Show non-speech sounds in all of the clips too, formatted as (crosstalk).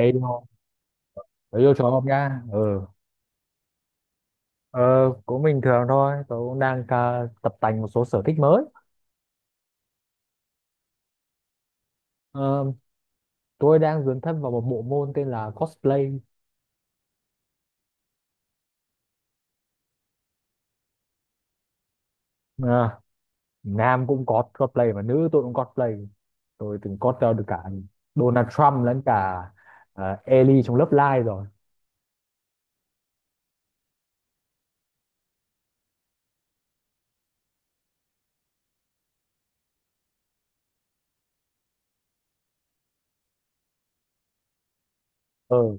Ê vô, tớ vô chó không nha. Ừ. Ờ, cũng bình thường thôi. Tớ cũng đang tập tành một số sở thích mới. Ờ, tôi đang dấn thân vào một bộ môn tên là cosplay. À, nam cũng có cosplay mà nữ tôi cũng cosplay. Tôi từng cosplay được cả Donald Trump lẫn cả Ellie trong Love Live rồi. Ừ.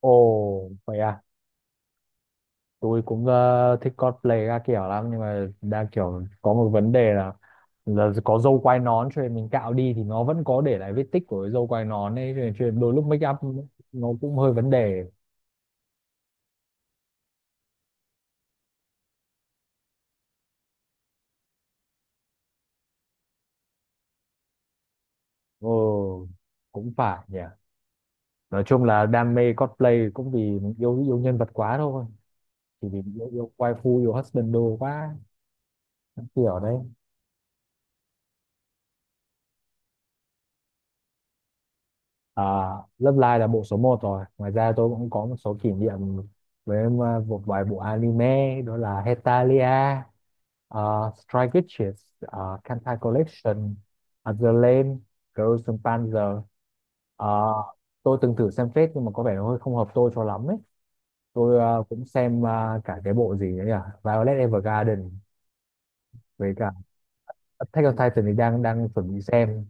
Ồ, vậy à. Tôi cũng thích cosplay các kiểu lắm, nhưng mà đa kiểu có một vấn đề là có râu quai nón, cho nên mình cạo đi thì nó vẫn có để lại vết tích của cái râu quai nón ấy, cho nên đôi lúc make up nó cũng hơi vấn đề. Ừ, cũng phải nhỉ. Nói chung là đam mê cosplay cũng vì mình yêu yêu nhân vật quá thôi, chỉ vì yêu yêu waifu yêu husband đồ quá, kiểu đấy. À, Love Live là bộ số một rồi. Ngoài ra tôi cũng có một số kỷ niệm với một vài bộ anime, đó là Hetalia, uh, Strike Witches, Kantai Collection, The Lame, Girls and Panzer. Uh, tôi từng thử xem phết nhưng mà có vẻ nó hơi không hợp tôi cho lắm ấy. Tôi cũng xem cả cái bộ gì đấy nhỉ? Violet Evergarden với cả Attack on Titan thì đang đang chuẩn bị xem.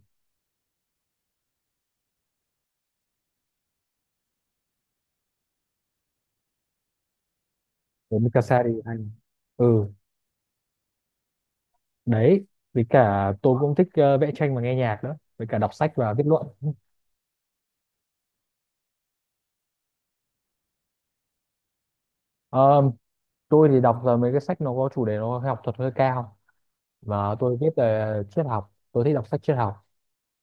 Với Mikasa đi anh. Ừ, đấy, với cả tôi cũng thích vẽ tranh và nghe nhạc nữa, với cả đọc sách và viết luận. Ờ, tôi thì đọc mấy cái sách nó có chủ đề nó học thuật hơi cao, và tôi viết về triết học. Tôi thích đọc sách triết học.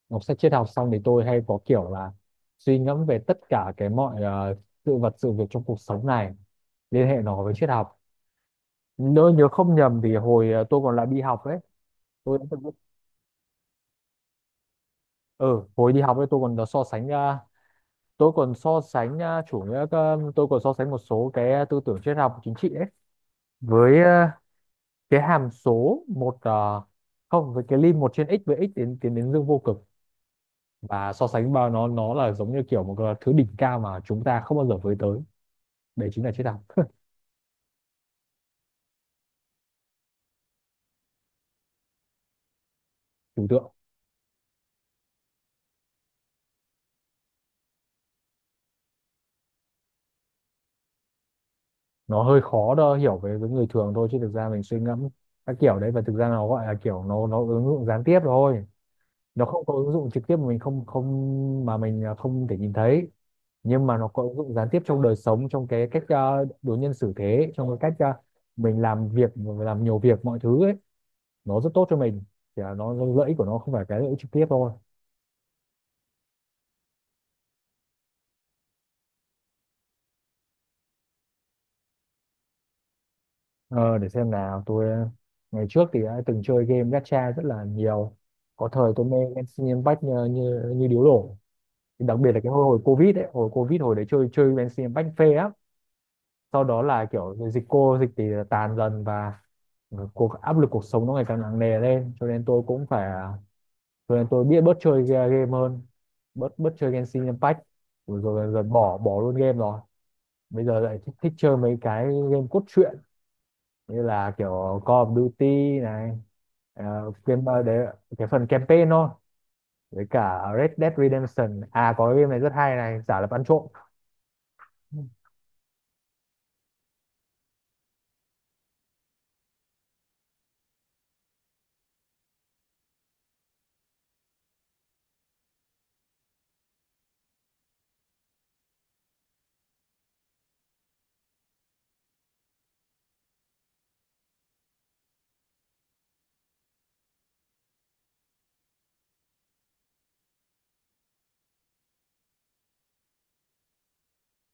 Đọc sách triết học xong thì tôi hay có kiểu là suy ngẫm về tất cả cái mọi sự vật sự việc trong cuộc sống này, liên hệ nó với triết học. Nếu nhớ không nhầm thì hồi tôi còn lại đi học ấy, tôi đã từng biết. Ừ, hồi đi học ấy tôi còn có so sánh, tôi còn so sánh tôi còn so sánh một số cái tư tưởng triết học chính trị ấy với cái hàm số một không, với cái lim một trên x với x tiến tiến đến dương vô cực, và so sánh vào nó là giống như kiểu một cái thứ đỉnh cao mà chúng ta không bao giờ với tới. Đấy chính là triết học. Trừu tượng. Nó hơi khó đo hiểu với người thường thôi, chứ thực ra mình suy ngẫm các kiểu đấy, và thực ra nó gọi là kiểu nó ứng dụng gián tiếp thôi. Nó không có ứng dụng trực tiếp mà mình không không mà mình không thể nhìn thấy, nhưng mà nó có ứng dụng gián tiếp trong đời sống, trong cái cách đối nhân xử thế, trong cái cách mình làm việc mình làm nhiều việc mọi thứ ấy. Nó rất tốt cho mình, chỉ là nó lợi ích của nó không phải cái lợi ích trực tiếp thôi. Ờ, để xem nào, tôi ngày trước thì đã từng chơi game gacha rất là nhiều. Có thời tôi mê Genshin Impact như, như, như điếu đổ, đặc biệt là cái hồi, hồi Covid ấy. Hồi Covid hồi đấy chơi chơi Genshin Impact phê lắm. Sau đó là kiểu dịch cô dịch thì tàn dần, và cuộc áp lực cuộc sống nó ngày càng nặng nề lên cho nên tôi cũng phải rồi nên tôi biết bớt chơi game hơn, bớt bớt chơi Genshin Impact, rồi, rồi dần dần bỏ bỏ luôn game rồi. Bây giờ lại thích, thích chơi mấy cái game cốt truyện, như là kiểu Call of Duty này, ờ, game đấy cái phần campaign thôi, với cả Red Dead Redemption. À có cái game này rất hay này, giả lập ăn trộm.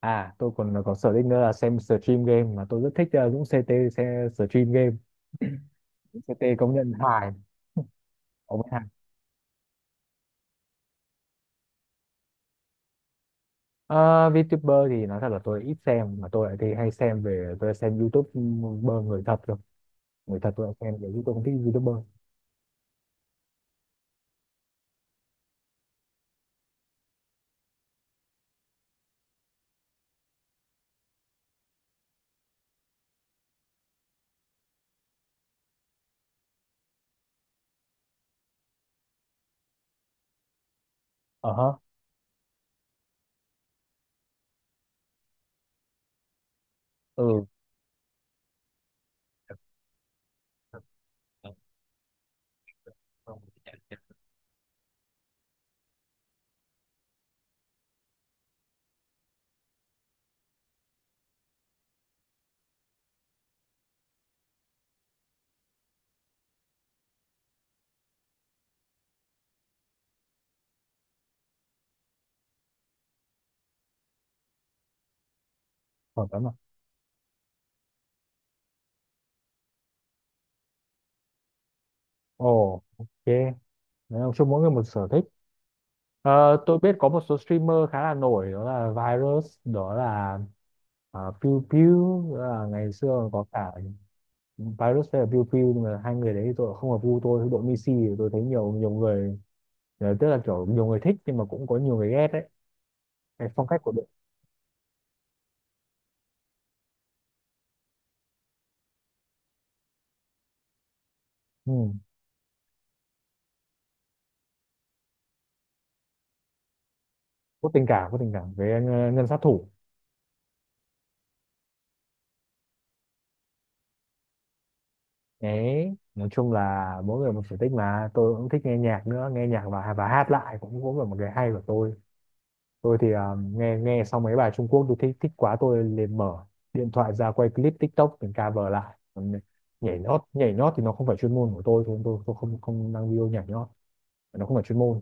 À, tôi còn có sở thích nữa là xem stream game, mà tôi rất thích Dũng CT. Xem stream game CT công nhận hài ông ấy. Ờ, VTuber thì nói thật là tôi ít xem, mà tôi lại thì hay xem về, tôi xem YouTuber người thật rồi. Người thật tôi lại xem về, chứ tôi không thích YouTuber. Ờ hả. Ừ. Còn lắm à. Ồ, ok. Nói chung mỗi người một sở thích. Ờ, tôi biết có một số streamer khá là nổi, đó là Virus, đó là Pew Pew, đó là ngày xưa còn có cả Virus với là Pew Pew. Nhưng mà hai người đấy thì tôi không hợp gu, tôi đội Messi. Thì tôi thấy nhiều nhiều người, ờ, tức là kiểu nhiều người thích nhưng mà cũng có nhiều người ghét đấy cái phong cách của đội. Ừ. Có tình cảm, có tình cảm với ngân, ngân sát thủ. Đấy, nói chung là mỗi người một sở thích mà. Tôi cũng thích nghe nhạc nữa, nghe nhạc và hát lại cũng cũng là một cái hay của tôi. Tôi thì nghe nghe xong mấy bài Trung Quốc tôi thích thích quá, tôi liền mở điện thoại ra quay clip TikTok mình cover lại. Còn nhảy nhót, nhảy nhót thì nó không phải chuyên môn của tôi, tôi không không đăng video nhảy nhót. Nó không phải chuyên môn.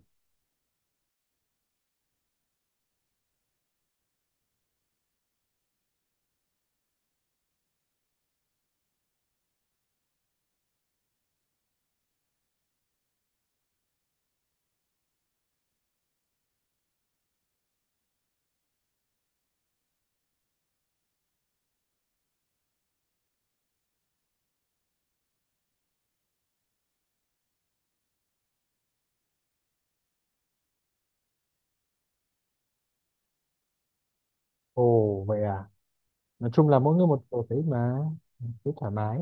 Ồ vậy à. Nói chung là mỗi người một sở thích mà, cứ thoải mái.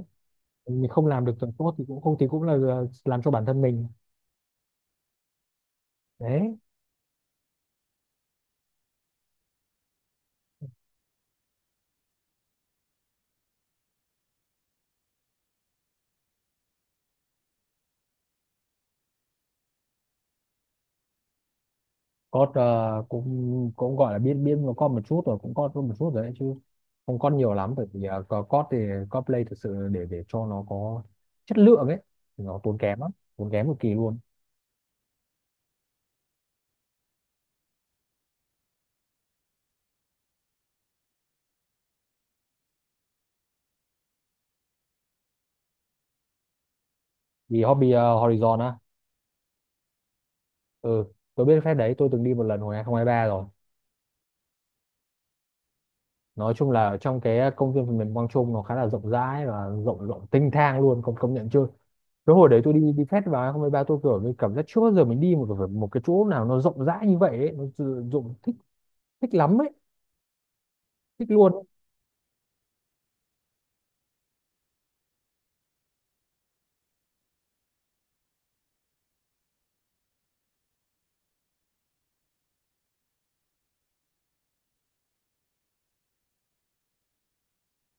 Mình không làm được thật tốt thì cũng không, thì cũng là làm cho bản thân mình. Đấy. Có, ờ, cũng cũng gọi là biết biết nó có một chút rồi, cũng có một chút rồi đấy chứ, không có nhiều lắm. Bởi vì ờ, có thì có play thực sự để cho nó có chất lượng ấy, thì nó tốn kém lắm. Tốn kém cực kỳ luôn. Vì hobby ờ, Horizon á. Ừ, tôi biết phép đấy, tôi từng đi một lần hồi 2023 rồi. Nói chung là trong cái công viên phần mềm Quang Trung, nó khá là rộng rãi, và rộng rộng tinh thang luôn, công công nhận chưa. Cái hồi đấy tôi đi đi fest vào hai festival ba, tôi kiểu như cảm giác chưa bao giờ mình đi một cái chỗ nào nó rộng rãi như vậy ấy. Nó sử dụng thích, thích lắm ấy. Thích luôn.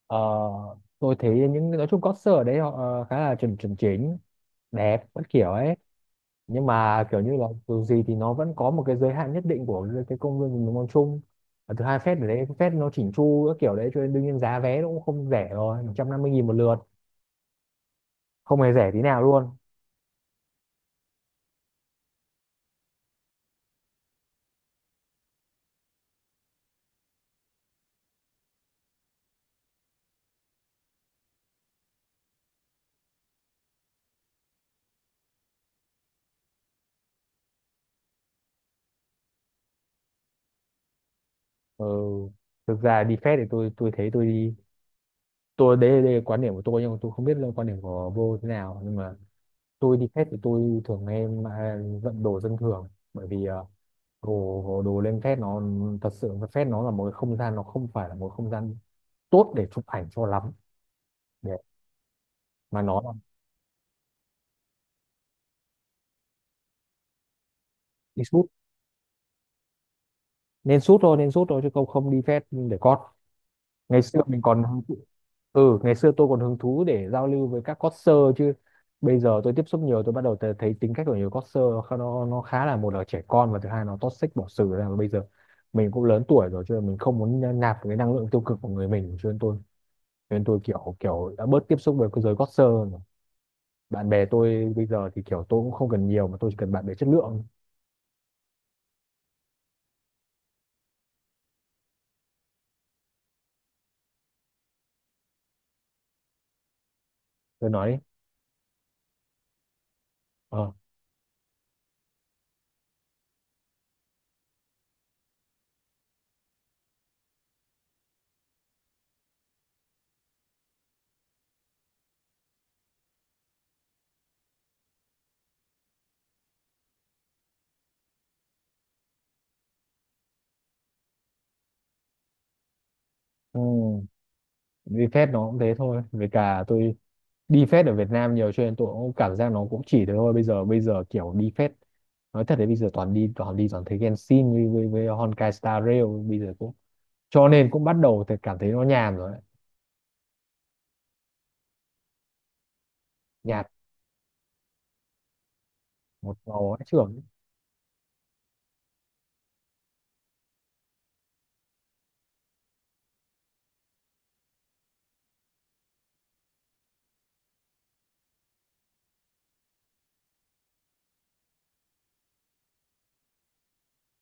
Ờ, tôi thấy những nói chung concert ở đấy họ khá là chuẩn chuẩn chỉnh, đẹp các kiểu ấy. Nhưng mà kiểu như là dù gì thì nó vẫn có một cái giới hạn nhất định của cái công viên mình mong chung. Và thứ hai fest ở đấy fest nó chỉnh chu các kiểu đấy, cho nên đương nhiên giá vé nó cũng không rẻ rồi, 150 nghìn một lượt. Không hề rẻ tí nào luôn. Ừ. Thực ra đi fest thì tôi thấy tôi đi, tôi đấy, đấy là quan điểm của tôi nhưng mà tôi không biết là quan điểm của vô thế nào, nhưng mà tôi đi phép thì tôi thường em vận đồ dân thường. Bởi vì đồ đồ lên phép nó, thật sự là phép nó là một cái không gian, nó không phải là một không gian tốt để chụp ảnh cho lắm, để mà nó là đi shoot. Nên shoot thôi, nên shoot thôi, chứ không không đi phép để cót. Ngày xưa mình còn. Ừ, ngày xưa tôi còn hứng thú để giao lưu với các coder chứ. Bây giờ tôi tiếp xúc nhiều, tôi bắt đầu thấy tính cách của nhiều coder nó khá là một là trẻ con, và thứ hai nó toxic bỏ xử ra. Và bây giờ mình cũng lớn tuổi rồi, cho nên mình không muốn nạp cái năng lượng tiêu cực của người mình, cho nên tôi, cho nên tôi kiểu kiểu đã bớt tiếp xúc với cái giới coder hơn rồi. Bạn bè tôi bây giờ thì kiểu tôi cũng không cần nhiều, mà tôi chỉ cần bạn bè chất lượng. Tôi nói đi. Ờ. Ừ. Đi phép nó cũng thế thôi, với cả tôi đi phép ở Việt Nam nhiều cho nên tôi cũng cảm giác nó cũng chỉ thế thôi. Bây giờ bây giờ kiểu đi phép, nói thật đấy, bây giờ toàn đi toàn đi toàn thấy Genshin với Honkai Star Rail, bây giờ cũng cho nên cũng bắt đầu thì cảm thấy nó nhàm rồi đấy. Nhạt. Một màu ấy trưởng.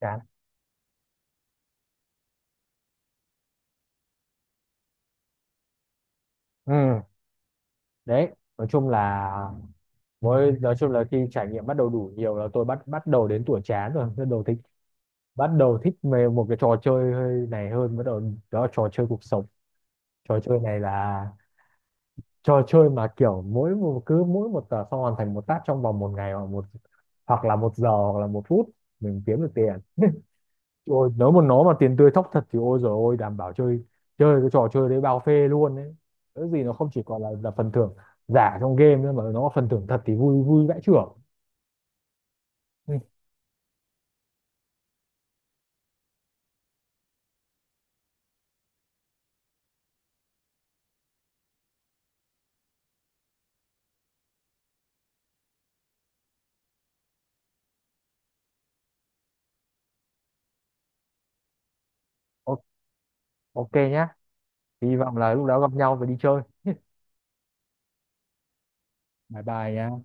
Chán. Ừ. Đấy nói chung là, với nói chung là khi trải nghiệm bắt đầu đủ nhiều là tôi bắt bắt đầu đến tuổi chán rồi, bắt đầu thích, bắt đầu thích về một cái trò chơi hơi này hơn, bắt đầu, đó là trò chơi cuộc sống. Trò chơi này là trò chơi mà kiểu mỗi một, cứ mỗi một tờ xong hoàn thành một task trong vòng một ngày, hoặc một hoặc là một giờ hoặc là một phút, mình kiếm được tiền. (laughs) Ôi nếu mà nó mà tiền tươi thóc thật thì ôi rồi, ôi đảm bảo chơi, chơi cái trò chơi đấy bao phê luôn đấy. Cái gì nó không chỉ còn là phần thưởng giả trong game nữa, mà nó phần thưởng thật thì vui vui vãi chưởng. Ừ. o- ok nhá. Hy vọng là lúc đó gặp nhau và đi chơi. Bye bye nha.